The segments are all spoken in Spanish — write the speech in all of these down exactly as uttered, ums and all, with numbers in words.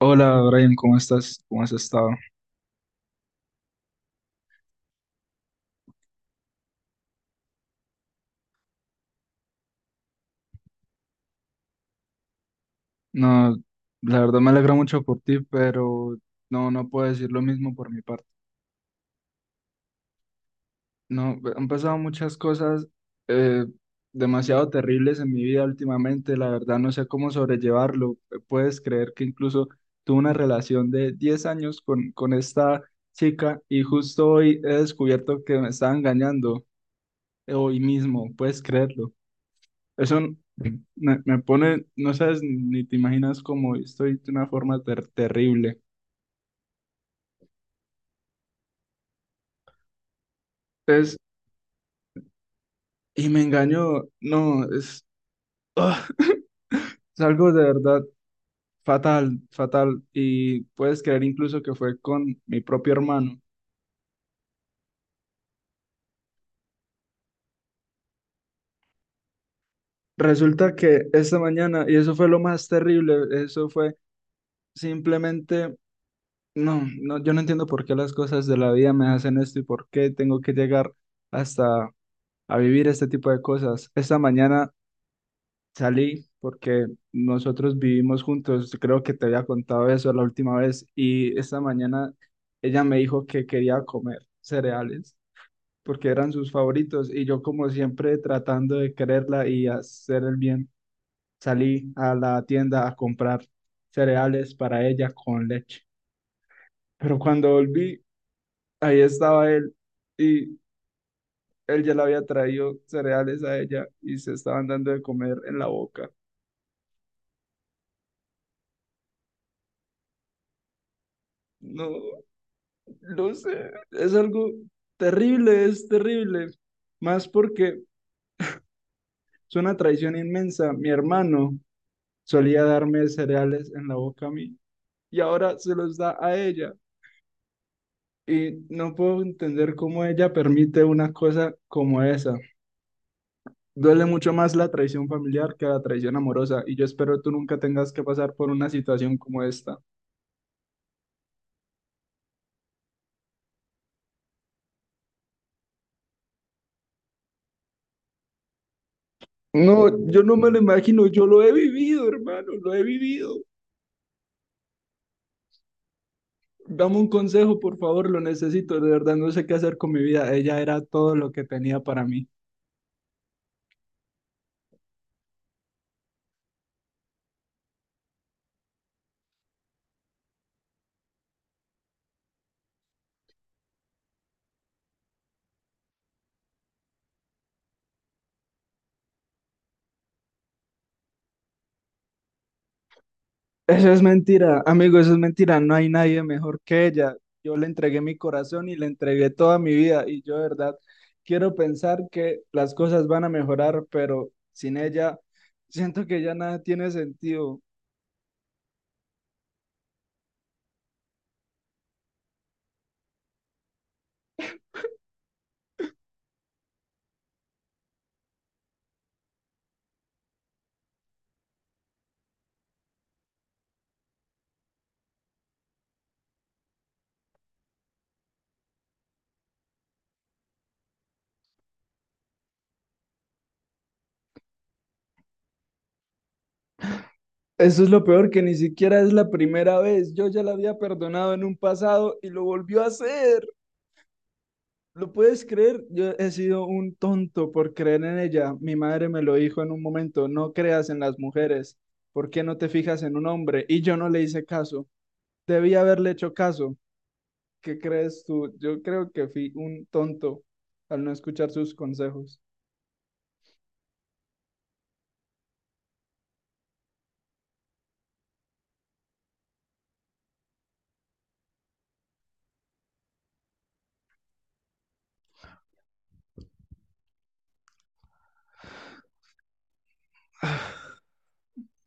Hola Brian, ¿cómo estás? ¿Cómo has estado? No, la verdad me alegra mucho por ti, pero no, no puedo decir lo mismo por mi parte. No, han pasado muchas cosas eh, demasiado terribles en mi vida últimamente, la verdad no sé cómo sobrellevarlo. Eh, Puedes creer que incluso tuve una relación de diez años con, con esta chica y justo hoy he descubierto que me estaba engañando, eh, hoy mismo, puedes creerlo. Eso me, me pone, no sabes ni te imaginas cómo estoy de una forma ter- terrible. Entonces, y me engañó, no, es, ¡ah! es algo de verdad fatal, fatal. Y puedes creer incluso que fue con mi propio hermano. Resulta que esta mañana, y eso fue lo más terrible, eso fue simplemente, no, no, yo no entiendo por qué las cosas de la vida me hacen esto y por qué tengo que llegar hasta a vivir este tipo de cosas. Esta mañana salí porque nosotros vivimos juntos, creo que te había contado eso la última vez, y esta mañana ella me dijo que quería comer cereales porque eran sus favoritos y yo, como siempre tratando de quererla y hacer el bien, salí a la tienda a comprar cereales para ella con leche. Pero cuando volví, ahí estaba él y él ya le había traído cereales a ella y se estaban dando de comer en la boca. No. No sé, es algo terrible, es terrible. Más porque es una traición inmensa. Mi hermano solía darme cereales en la boca a mí y ahora se los da a ella. Y no puedo entender cómo ella permite una cosa como esa. Duele mucho más la traición familiar que la traición amorosa y yo espero tú nunca tengas que pasar por una situación como esta. No, yo no me lo imagino, yo lo he vivido, hermano, lo he vivido. Dame un consejo, por favor, lo necesito. De verdad, no sé qué hacer con mi vida. Ella era todo lo que tenía para mí. Eso es mentira, amigo, eso es mentira. No hay nadie mejor que ella. Yo le entregué mi corazón y le entregué toda mi vida. Y yo, de verdad, quiero pensar que las cosas van a mejorar, pero sin ella, siento que ya nada tiene sentido. Eso es lo peor, que ni siquiera es la primera vez. Yo ya la había perdonado en un pasado y lo volvió a hacer. ¿Lo puedes creer? Yo he sido un tonto por creer en ella. Mi madre me lo dijo en un momento, no creas en las mujeres. ¿Por qué no te fijas en un hombre? Y yo no le hice caso. Debí haberle hecho caso. ¿Qué crees tú? Yo creo que fui un tonto al no escuchar sus consejos.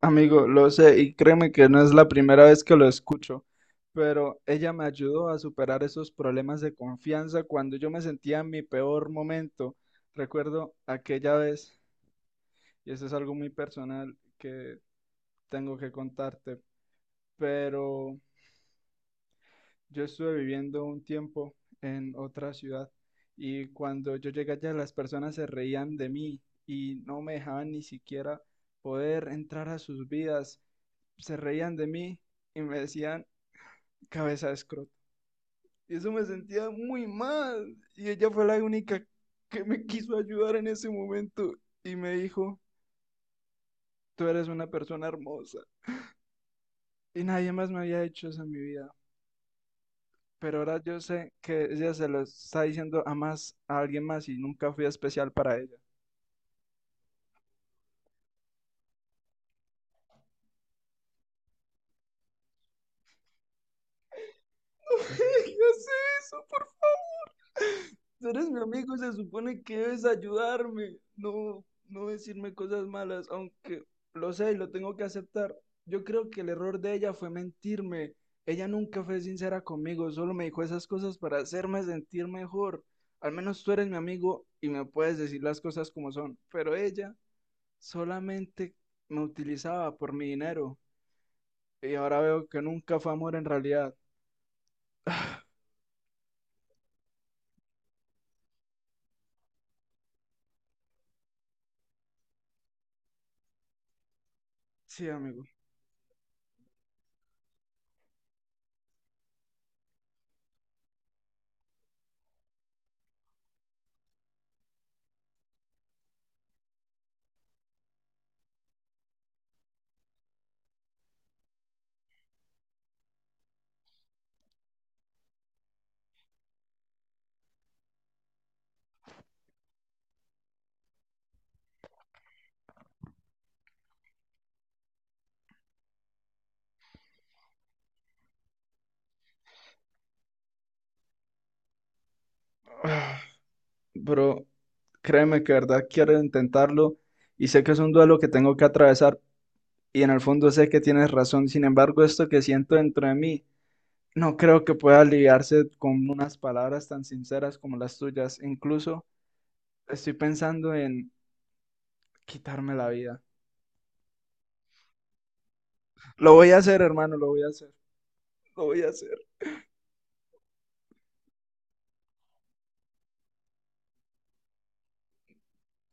Amigo, lo sé, y créeme que no es la primera vez que lo escucho, pero ella me ayudó a superar esos problemas de confianza cuando yo me sentía en mi peor momento. Recuerdo aquella vez, y eso es algo muy personal que tengo que contarte, pero yo estuve viviendo un tiempo en otra ciudad y cuando yo llegué allá las personas se reían de mí y no me dejaban ni siquiera poder entrar a sus vidas, se reían de mí y me decían cabeza de escroto. Y eso me sentía muy mal, y ella fue la única que me quiso ayudar en ese momento y me dijo, tú eres una persona hermosa. Y nadie más me había hecho eso en mi vida. Pero ahora yo sé que ella se lo está diciendo a más, a alguien más, y nunca fui especial para ella. No me digas eso, por favor. Tú eres mi amigo, se supone que debes ayudarme, no, no decirme cosas malas, aunque lo sé y lo tengo que aceptar. Yo creo que el error de ella fue mentirme. Ella nunca fue sincera conmigo, solo me dijo esas cosas para hacerme sentir mejor. Al menos tú eres mi amigo y me puedes decir las cosas como son, pero ella... Solamente me utilizaba por mi dinero, y ahora veo que nunca fue amor en realidad. Sí, amigo. Pero créeme que de verdad quiero intentarlo y sé que es un duelo que tengo que atravesar, y en el fondo sé que tienes razón. Sin embargo, esto que siento dentro de mí no creo que pueda aliviarse con unas palabras tan sinceras como las tuyas. Incluso estoy pensando en quitarme la vida. Lo voy a hacer, hermano, lo voy a hacer. Lo voy a hacer.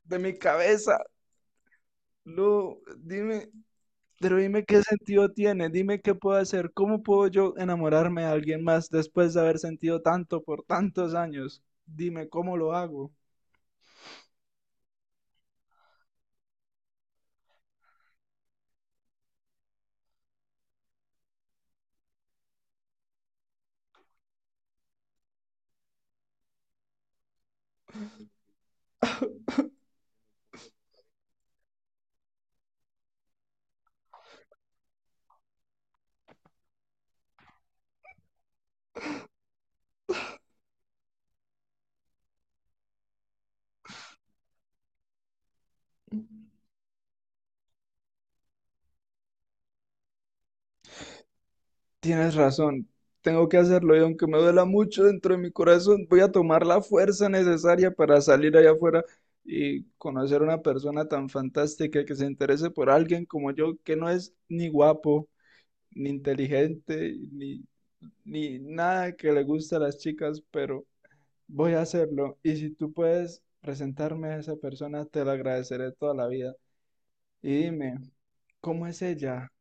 De mi cabeza. Lu, dime. Pero dime qué sentido tiene, dime qué puedo hacer, cómo puedo yo enamorarme de alguien más después de haber sentido tanto por tantos años. Dime cómo lo hago. Tienes razón, tengo que hacerlo, y aunque me duela mucho dentro de mi corazón, voy a tomar la fuerza necesaria para salir allá afuera y conocer a una persona tan fantástica que se interese por alguien como yo, que no es ni guapo, ni inteligente, ni, ni nada que le gusta a las chicas, pero voy a hacerlo, y si tú puedes presentarme a esa persona, te lo agradeceré toda la vida. Y dime, ¿cómo es ella?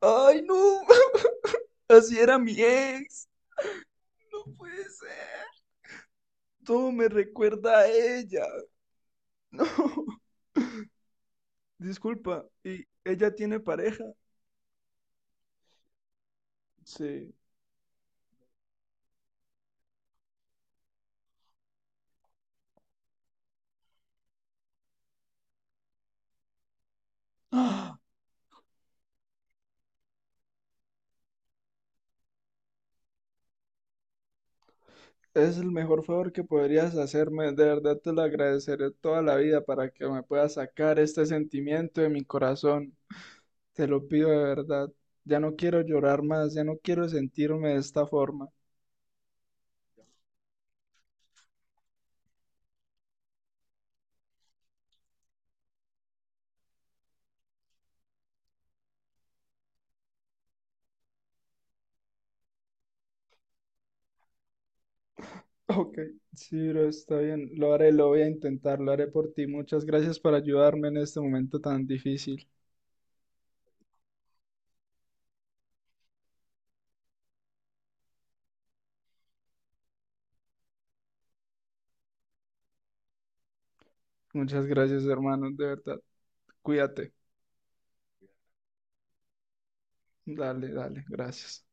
¡Ay, no! Así era mi ex. No puede ser. Todo me recuerda a ella. No. Disculpa, ¿y ella tiene pareja? Sí. ¡Ah! Es el mejor favor que podrías hacerme. De verdad te lo agradeceré toda la vida para que me puedas sacar este sentimiento de mi corazón. Te lo pido de verdad. Ya no quiero llorar más, ya no quiero sentirme de esta forma. Ok, sí, bro, está bien. Lo haré, lo voy a intentar, lo haré por ti. Muchas gracias por ayudarme en este momento tan difícil. Muchas gracias, hermano, de verdad. Cuídate. Dale, dale, gracias.